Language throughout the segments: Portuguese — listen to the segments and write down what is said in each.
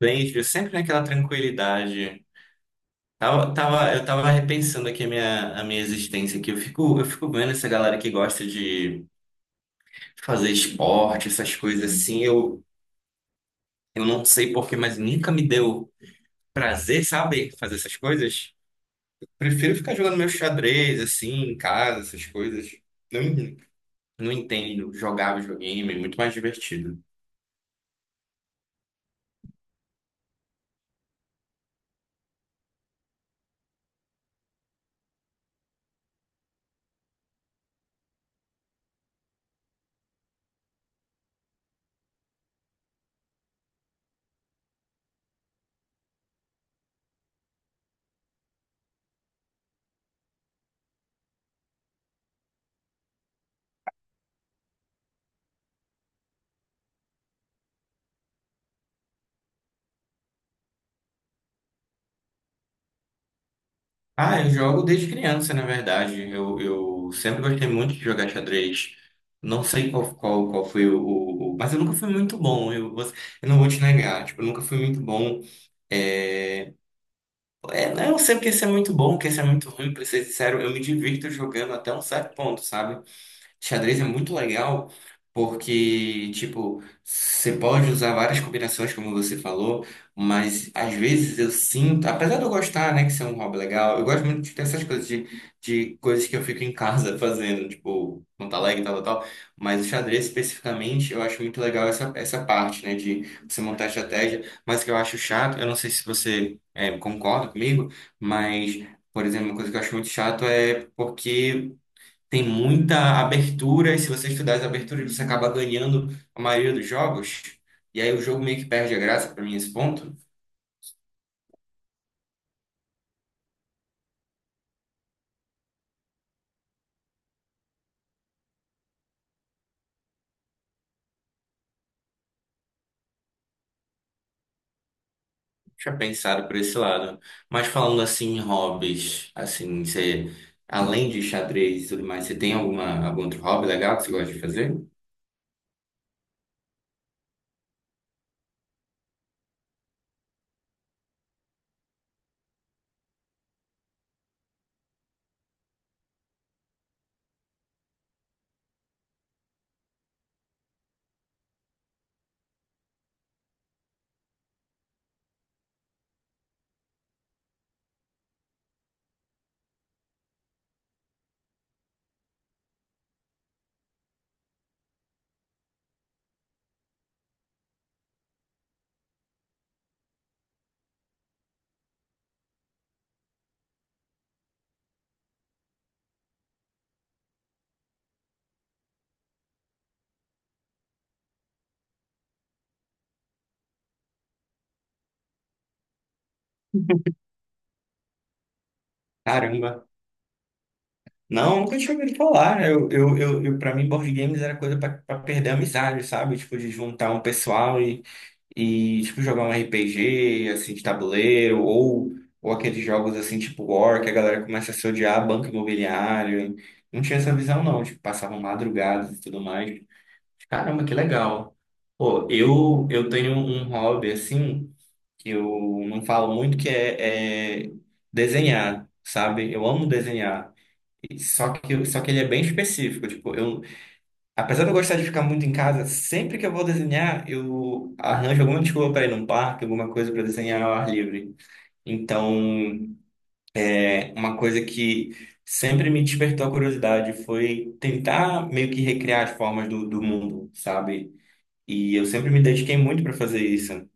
Bem, Ju, sempre naquela tranquilidade. Eu tava repensando aqui a minha existência aqui. Eu fico vendo essa galera que gosta de fazer esporte, essas coisas assim. Eu não sei porquê, mas nunca me deu prazer, sabe, fazer essas coisas. Prefiro ficar jogando meu xadrez, assim, em casa, essas coisas. Não, não entendo, jogava videogame é muito mais divertido. Ah, eu jogo desde criança, na verdade. Eu sempre gostei muito de jogar xadrez. Não sei qual foi. Mas eu nunca fui muito bom. Eu não vou te negar. Tipo, eu nunca fui muito bom. É. É, eu não sei o que esse é muito bom, o que esse é muito ruim, pra ser sincero. Eu me divirto jogando até um certo ponto, sabe? Xadrez é muito legal porque, tipo, você pode usar várias combinações, como você falou, mas às vezes eu sinto, apesar de eu gostar, né, que isso é um hobby legal. Eu gosto muito de ter essas coisas, de coisas que eu fico em casa fazendo, tipo, montar Lego e tal, tal, tal. Mas o xadrez especificamente, eu acho muito legal essa, parte, né, de você montar estratégia. Mas o que eu acho chato, eu não sei se você concorda comigo, mas. Por exemplo, uma coisa que eu acho muito chato é porque tem muita abertura, e se você estudar as aberturas, você acaba ganhando a maioria dos jogos, e aí o jogo meio que perde a graça para mim nesse ponto. Tinha pensado por esse lado. Mas falando assim em hobbies, assim, você, além de xadrez e tudo mais, você tem alguma, algum outro hobby legal que você gosta de fazer? Caramba! Não, nunca tinha ouvido falar. Para mim, board games era coisa para perder a amizade, sabe? Tipo, de juntar um pessoal e tipo jogar um RPG assim de tabuleiro, ou aqueles jogos assim tipo War que a galera começa a se odiar, banco imobiliário. Não tinha essa visão não, tipo, passavam madrugadas e tudo mais. Caramba, que legal. Pô, eu tenho um hobby assim que eu não falo muito, que é desenhar, sabe? Eu amo desenhar. Só que ele é bem específico. Tipo, apesar de eu gostar de ficar muito em casa, sempre que eu vou desenhar, eu arranjo alguma desculpa para ir num parque, alguma coisa para desenhar ao ar livre. Então, é uma coisa que sempre me despertou a curiosidade, foi tentar meio que recriar as formas do mundo, sabe? E eu sempre me dediquei muito para fazer isso,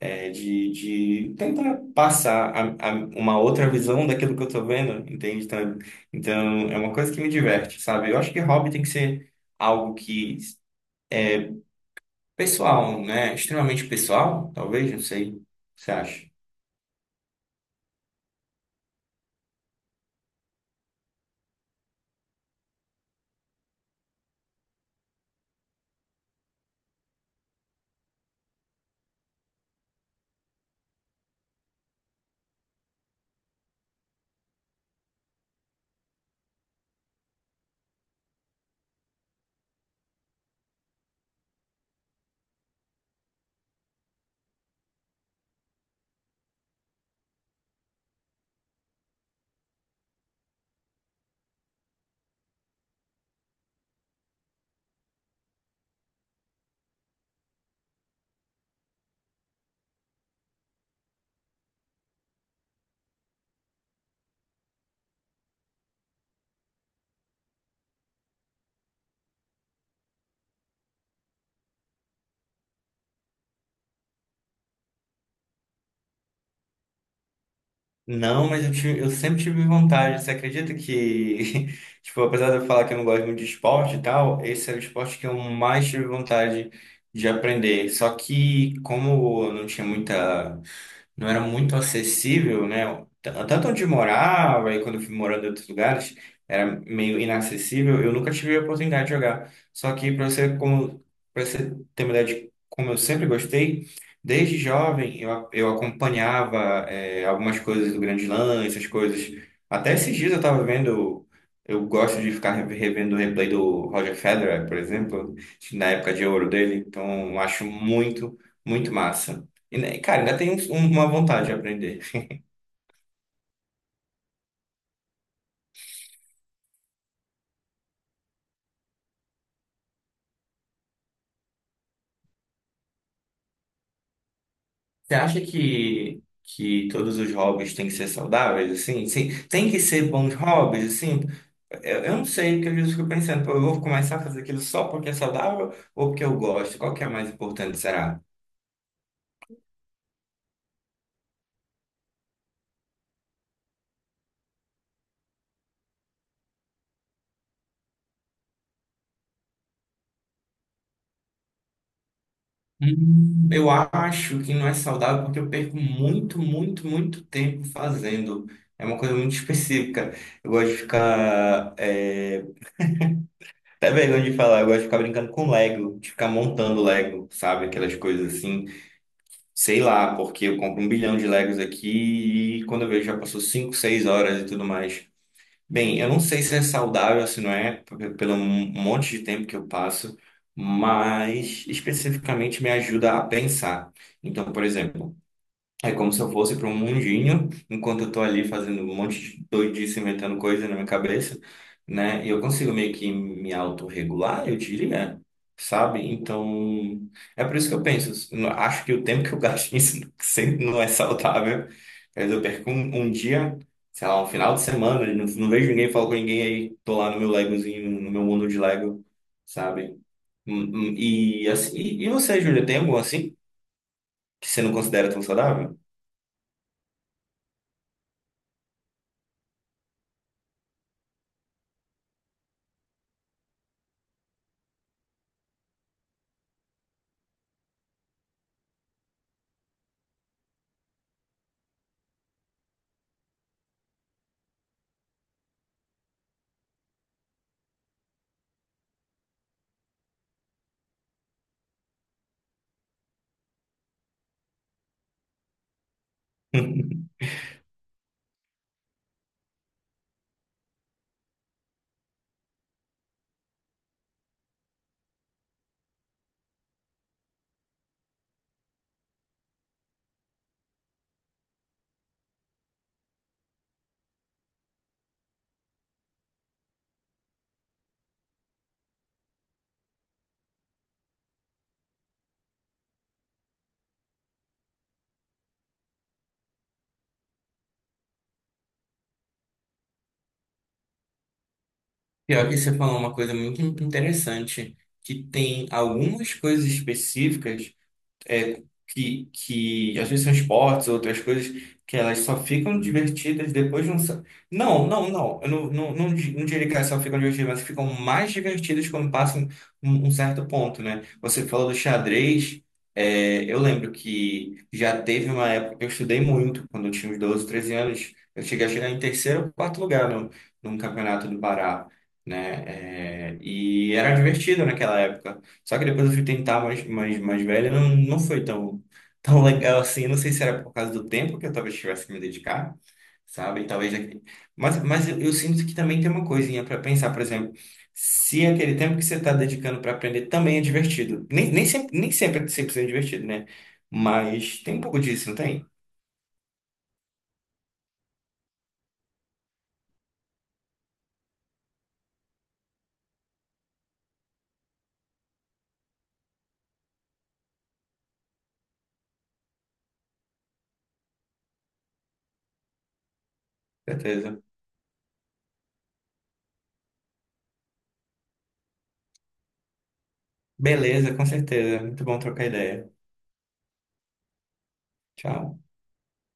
de tentar passar uma outra visão daquilo que eu tô vendo, entende? Então, é uma coisa que me diverte, sabe? Eu acho que hobby tem que ser algo que é, Pessoal, né? Extremamente pessoal, talvez, não sei. O que você acha? Não, mas eu sempre tive vontade. Você acredita que, tipo, apesar de eu falar que eu não gosto muito de esporte e tal, esse é o esporte que eu mais tive vontade de aprender. Só que, como eu não tinha muita. Não era muito acessível, né? Tanto onde eu morava, e quando eu fui morando em outros lugares, era meio inacessível. Eu nunca tive a oportunidade de jogar. Só que, para você ter uma ideia de como eu sempre gostei. Desde jovem eu acompanhava, algumas coisas do Grande Lã, essas coisas. Até esses dias eu estava vendo. Eu gosto de ficar revendo o replay do Roger Federer, por exemplo, na época de ouro dele. Então eu acho muito, muito massa. E, né, cara, ainda tem uma vontade de aprender. Você acha que todos os hobbies têm que ser saudáveis, assim? Sim, tem que ser bons hobbies, assim? Eu não sei, porque às vezes eu fico pensando, pô, eu vou começar a fazer aquilo só porque é saudável ou porque eu gosto? Qual que é a mais importante, será? Eu acho que não é saudável porque eu perco muito, muito, muito tempo fazendo. É uma coisa muito específica. Eu gosto de ficar. Até vergonha de falar, eu gosto de ficar brincando com Lego, de ficar montando Lego, sabe? Aquelas coisas assim. Sei lá, porque eu compro 1 bilhão de Legos aqui, e quando eu vejo já passou 5, 6 horas e tudo mais. Bem, eu não sei se é saudável, se não é, porque pelo monte de tempo que eu passo, mas especificamente me ajuda a pensar. Então, por exemplo, é como se eu fosse para um mundinho, enquanto eu tô ali fazendo um monte de doidice, inventando coisa na minha cabeça, né? E eu consigo meio que me autorregular, eu diria, sabe? Então, é por isso que eu penso, eu acho que o tempo que eu gasto nisso sempre não é saudável. Às vezes eu perco um dia, sei lá, um final de semana, não, não vejo ninguém, falo com ninguém, aí tô lá no meu Legozinho, no meu mundo de Lego, sabe? Hum, E, assim, e você, Júlia, tem algum assim que você não considera tão saudável? Pior que você falou uma coisa muito interessante, que tem algumas coisas específicas, é, que às vezes são esportes, outras coisas, que elas só ficam divertidas depois de um. Não, não, não. Eu não, não, não, não diria que elas só ficam divertidas, mas ficam mais divertidas quando passam um certo ponto, né? Você falou do xadrez. Eu lembro que já teve uma época que eu estudei muito, quando eu tinha uns 12, 13 anos. Eu cheguei a chegar em terceiro ou quarto lugar no, num campeonato do Pará, né? É, e era divertido naquela época. Só que depois eu fui tentar mais, mais, mais velha, não foi tão, tão legal assim. Eu não sei se era por causa do tempo que eu talvez tivesse que me dedicar, sabe? E talvez. Mas, eu sinto que também tem uma coisinha para pensar, por exemplo, se é aquele tempo que você está dedicando para aprender também é divertido. Nem sempre, nem sempre é 100% divertido, né? Mas tem um pouco disso, não tem? Certeza. Beleza, com certeza. Muito bom trocar ideia. Tchau.